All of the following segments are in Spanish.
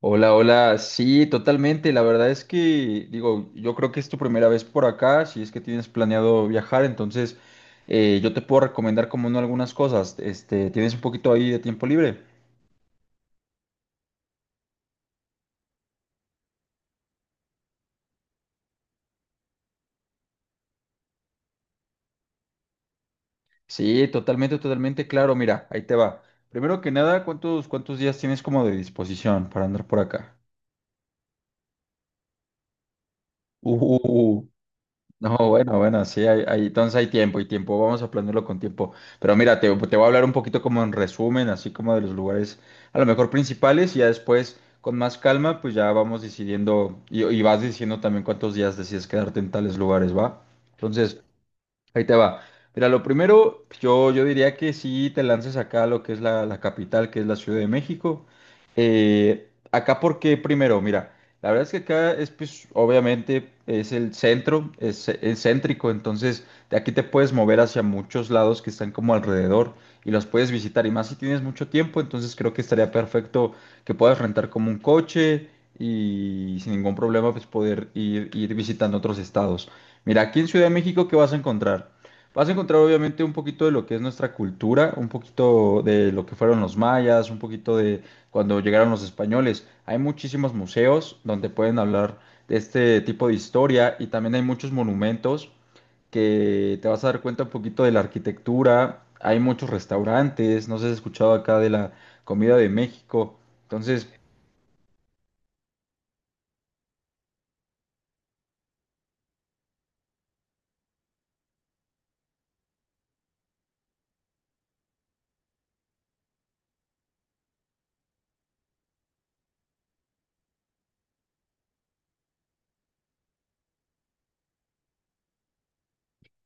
Hola, hola. Sí, totalmente. La verdad es que, digo, yo creo que es tu primera vez por acá, si es que tienes planeado viajar, entonces yo te puedo recomendar como no algunas cosas. Este, ¿tienes un poquito ahí de tiempo libre? Sí, totalmente, totalmente, claro. Mira, ahí te va. Primero que nada, ¿cuántos días tienes como de disposición para andar por acá? Uh, No, bueno, bueno, sí, entonces hay tiempo y tiempo, vamos a planearlo con tiempo. Pero mira, te voy a hablar un poquito como en resumen, así como de los lugares a lo mejor principales y ya después con más calma, pues ya vamos decidiendo y vas diciendo también cuántos días decides quedarte en tales lugares, ¿va? Entonces, Ahí te va. Mira, lo primero, yo diría que si te lances acá a lo que es la capital, que es la Ciudad de México. Acá, ¿porque primero? Mira, la verdad es que acá es, pues, obviamente, es el centro, es céntrico, entonces de aquí te puedes mover hacia muchos lados que están como alrededor y los puedes visitar. Y más si tienes mucho tiempo, entonces creo que estaría perfecto que puedas rentar como un coche y sin ningún problema, pues, poder ir visitando otros estados. Mira, aquí en Ciudad de México, ¿qué vas a encontrar? Vas a encontrar obviamente un poquito de lo que es nuestra cultura, un poquito de lo que fueron los mayas, un poquito de cuando llegaron los españoles. Hay muchísimos museos donde pueden hablar de este tipo de historia y también hay muchos monumentos que te vas a dar cuenta un poquito de la arquitectura. Hay muchos restaurantes, no sé si has escuchado acá de la comida de México. Entonces,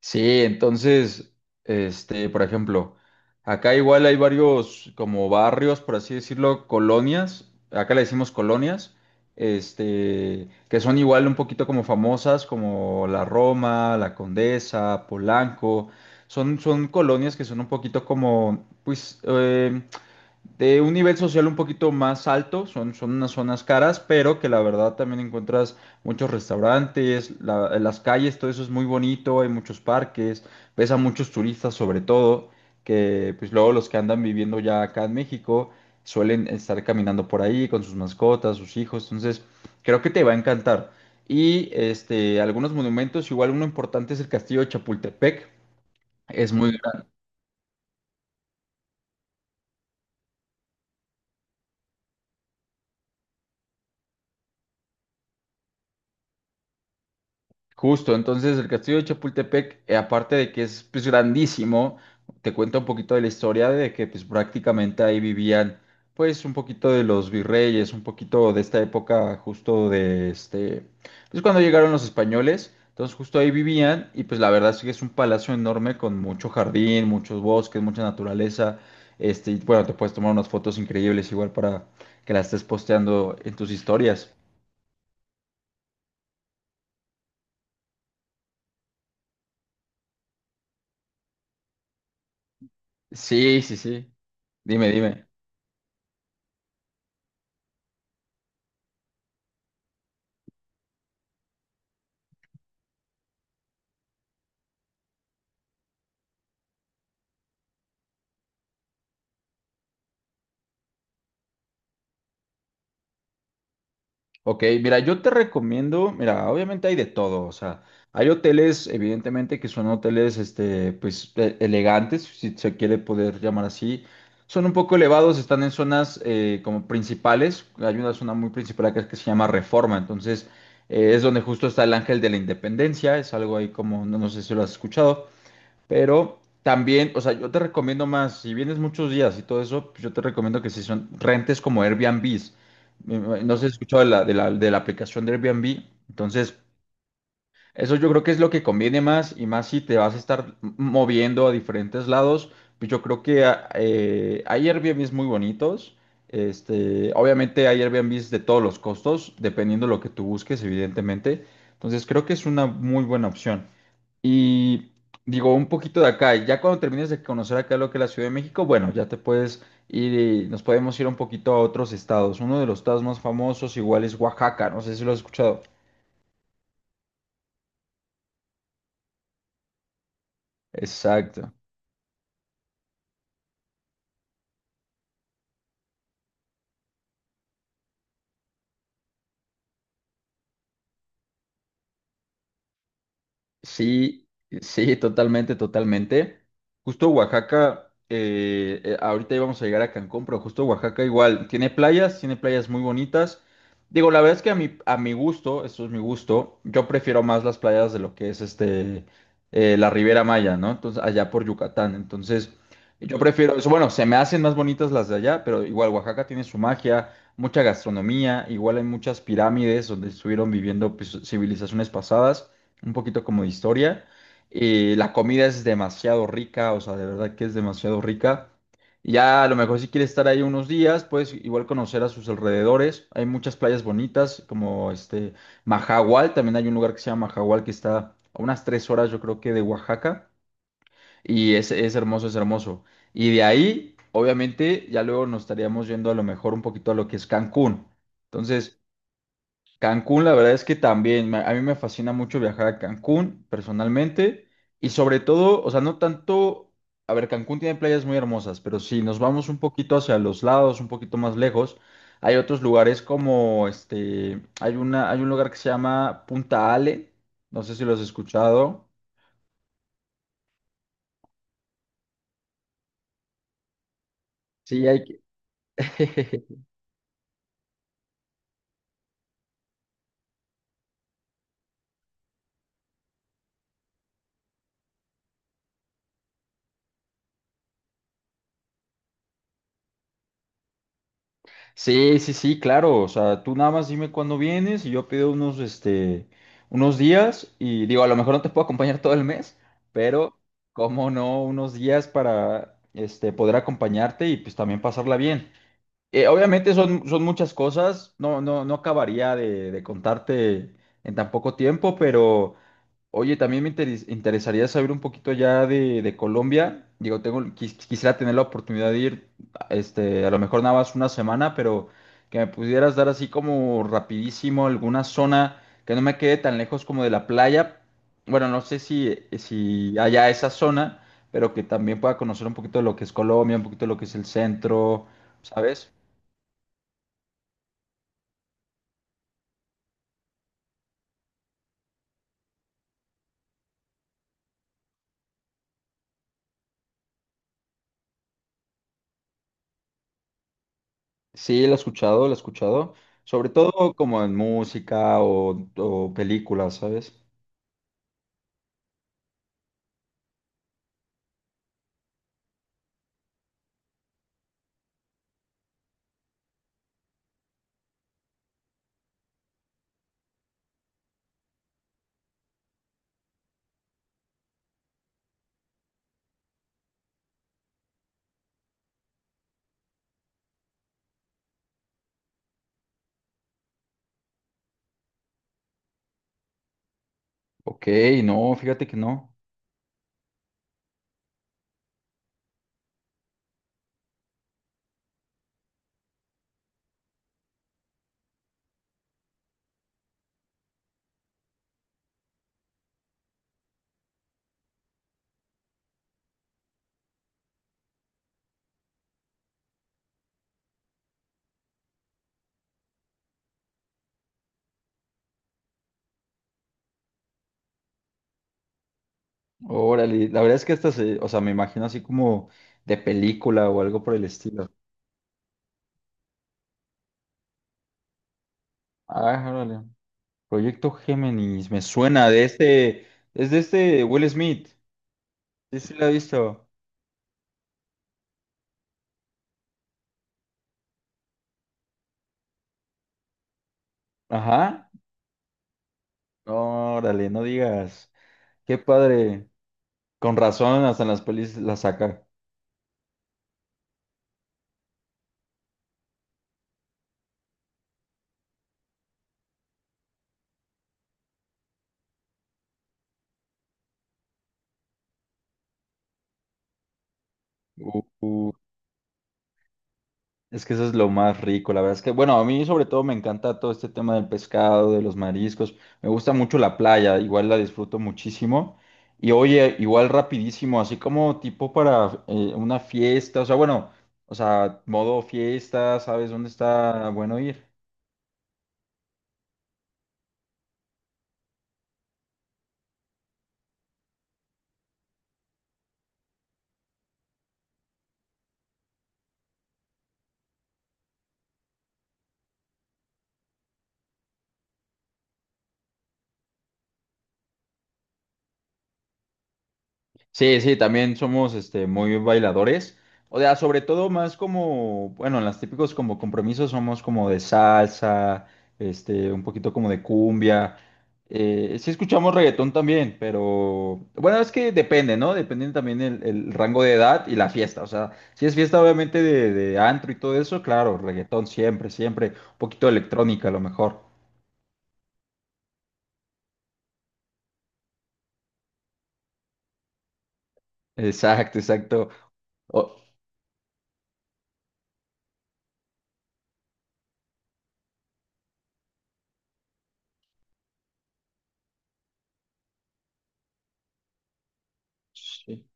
Sí, entonces, este, por ejemplo, acá igual hay varios como barrios, por así decirlo, colonias, acá le decimos colonias, este, que son igual un poquito como famosas, como la Roma, la Condesa, Polanco, son colonias que son un poquito como, pues, de un nivel social un poquito más alto, son unas zonas caras, pero que la verdad también encuentras muchos restaurantes, las calles, todo eso es muy bonito, hay muchos parques, ves a muchos turistas sobre todo, que pues luego los que andan viviendo ya acá en México suelen estar caminando por ahí con sus mascotas, sus hijos, entonces creo que te va a encantar. Y este, algunos monumentos, igual uno importante es el Castillo de Chapultepec, es muy grande. Justo, entonces el Castillo de Chapultepec, aparte de que es pues grandísimo, te cuenta un poquito de la historia de que pues prácticamente ahí vivían pues un poquito de los virreyes, un poquito de esta época justo de este, pues cuando llegaron los españoles, entonces justo ahí vivían y pues la verdad es que es un palacio enorme con mucho jardín, muchos bosques, mucha naturaleza, este, y bueno, te puedes tomar unas fotos increíbles igual para que las estés posteando en tus historias. Sí, sí, sí. Dime, dime. Ok, mira, yo te recomiendo, mira, obviamente hay de todo, o sea, hay hoteles, evidentemente, que son hoteles, este, pues, elegantes, si se quiere poder llamar así. Son un poco elevados, están en zonas como principales. Hay una zona muy principal acá que se llama Reforma, entonces es donde justo está el Ángel de la Independencia, es algo ahí como, no, no sé si lo has escuchado. Pero también, o sea, yo te recomiendo más, si vienes muchos días y todo eso, pues yo te recomiendo que si son rentes como Airbnb. No se escuchó de la aplicación de Airbnb. Entonces, eso yo creo que es lo que conviene más y más si te vas a estar moviendo a diferentes lados. Pues yo creo que hay Airbnbs muy bonitos. Este, obviamente hay Airbnbs de todos los costos, dependiendo de lo que tú busques, evidentemente. Entonces, creo que es una muy buena opción. Y digo, un poquito de acá, y ya cuando termines de conocer acá lo que es la Ciudad de México, bueno, ya te puedes ir, y nos podemos ir un poquito a otros estados. Uno de los estados más famosos igual es Oaxaca, no sé si lo has escuchado. Exacto. Sí, sí, totalmente, totalmente. Justo Oaxaca, ahorita íbamos a llegar a Cancún, pero justo Oaxaca igual tiene playas muy bonitas. Digo, la verdad es que a mi gusto, eso es mi gusto, yo prefiero más las playas de lo que es este, la Riviera Maya, ¿no? Entonces, allá por Yucatán. Entonces, yo prefiero eso. Bueno, se me hacen más bonitas las de allá, pero igual Oaxaca tiene su magia, mucha gastronomía, igual hay muchas pirámides donde estuvieron viviendo pues, civilizaciones pasadas un poquito como de historia. La comida es demasiado rica, o sea, de verdad que es demasiado rica. Y ya a lo mejor si quieres estar ahí unos días, puedes igual conocer a sus alrededores. Hay muchas playas bonitas, como este Mahahual, también hay un lugar que se llama Mahahual que está a unas tres horas, yo creo que de Oaxaca. Y es hermoso, es hermoso. Y de ahí, obviamente, ya luego nos estaríamos yendo a lo mejor un poquito a lo que es Cancún. Entonces, Cancún, la verdad es que también, a mí me fascina mucho viajar a Cancún personalmente y sobre todo, o sea, no tanto, a ver, Cancún tiene playas muy hermosas, pero si nos vamos un poquito hacia los lados, un poquito más lejos, hay otros lugares como este, hay un lugar que se llama Punta Ale, no sé si lo has escuchado. Sí, hay que... Sí, sí, sí, claro. O sea, tú nada más dime cuándo vienes y yo pido unos, este, unos días y digo, a lo mejor no te puedo acompañar todo el mes, pero cómo no, unos días para, este, poder acompañarte y pues también pasarla bien. Obviamente son muchas cosas, no acabaría de contarte en tan poco tiempo, pero oye, también me interesaría saber un poquito ya de Colombia. Digo, tengo, quisiera tener la oportunidad de ir, este, a lo mejor nada más una semana, pero que me pudieras dar así como rapidísimo alguna zona que no me quede tan lejos como de la playa. Bueno, no sé si, si haya esa zona, pero que también pueda conocer un poquito de lo que es Colombia, un poquito de lo que es el centro, ¿sabes? Sí, lo he escuchado, lo he escuchado. Sobre todo como en música o películas, ¿sabes? Ok, no, fíjate que no. Órale, la verdad es que esta se, o sea, me imagino así como de película o algo por el estilo. Ah, órale. Proyecto Géminis, me suena de este, es de este Will Smith. Sí, sí lo he visto. Ajá. Órale, no digas. Qué padre. Con razón, hasta en las pelis la saca. Uh, uh. Es que eso es lo más rico, la verdad es que, bueno, a mí sobre todo me encanta todo este tema del pescado, de los mariscos, me gusta mucho la playa, igual la disfruto muchísimo. Y oye, igual rapidísimo, así como tipo para una fiesta, o sea, bueno, o sea, modo fiesta, ¿sabes dónde está bueno ir? Sí, sí, también somos este, muy bailadores. O sea, sobre todo más como, bueno, en las típicos como compromisos somos como de salsa, este, un poquito como de cumbia. Sí escuchamos reggaetón también, pero bueno, es que depende, ¿no? Depende también el rango de edad y la fiesta. O sea, si es fiesta obviamente de antro y todo eso, claro, reggaetón siempre, siempre. Un poquito de electrónica a lo mejor. Exacto, exacto. O- sí.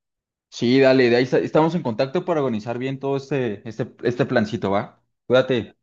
Sí, dale, de ahí estamos en contacto para organizar bien todo este plancito, ¿va? Cuídate.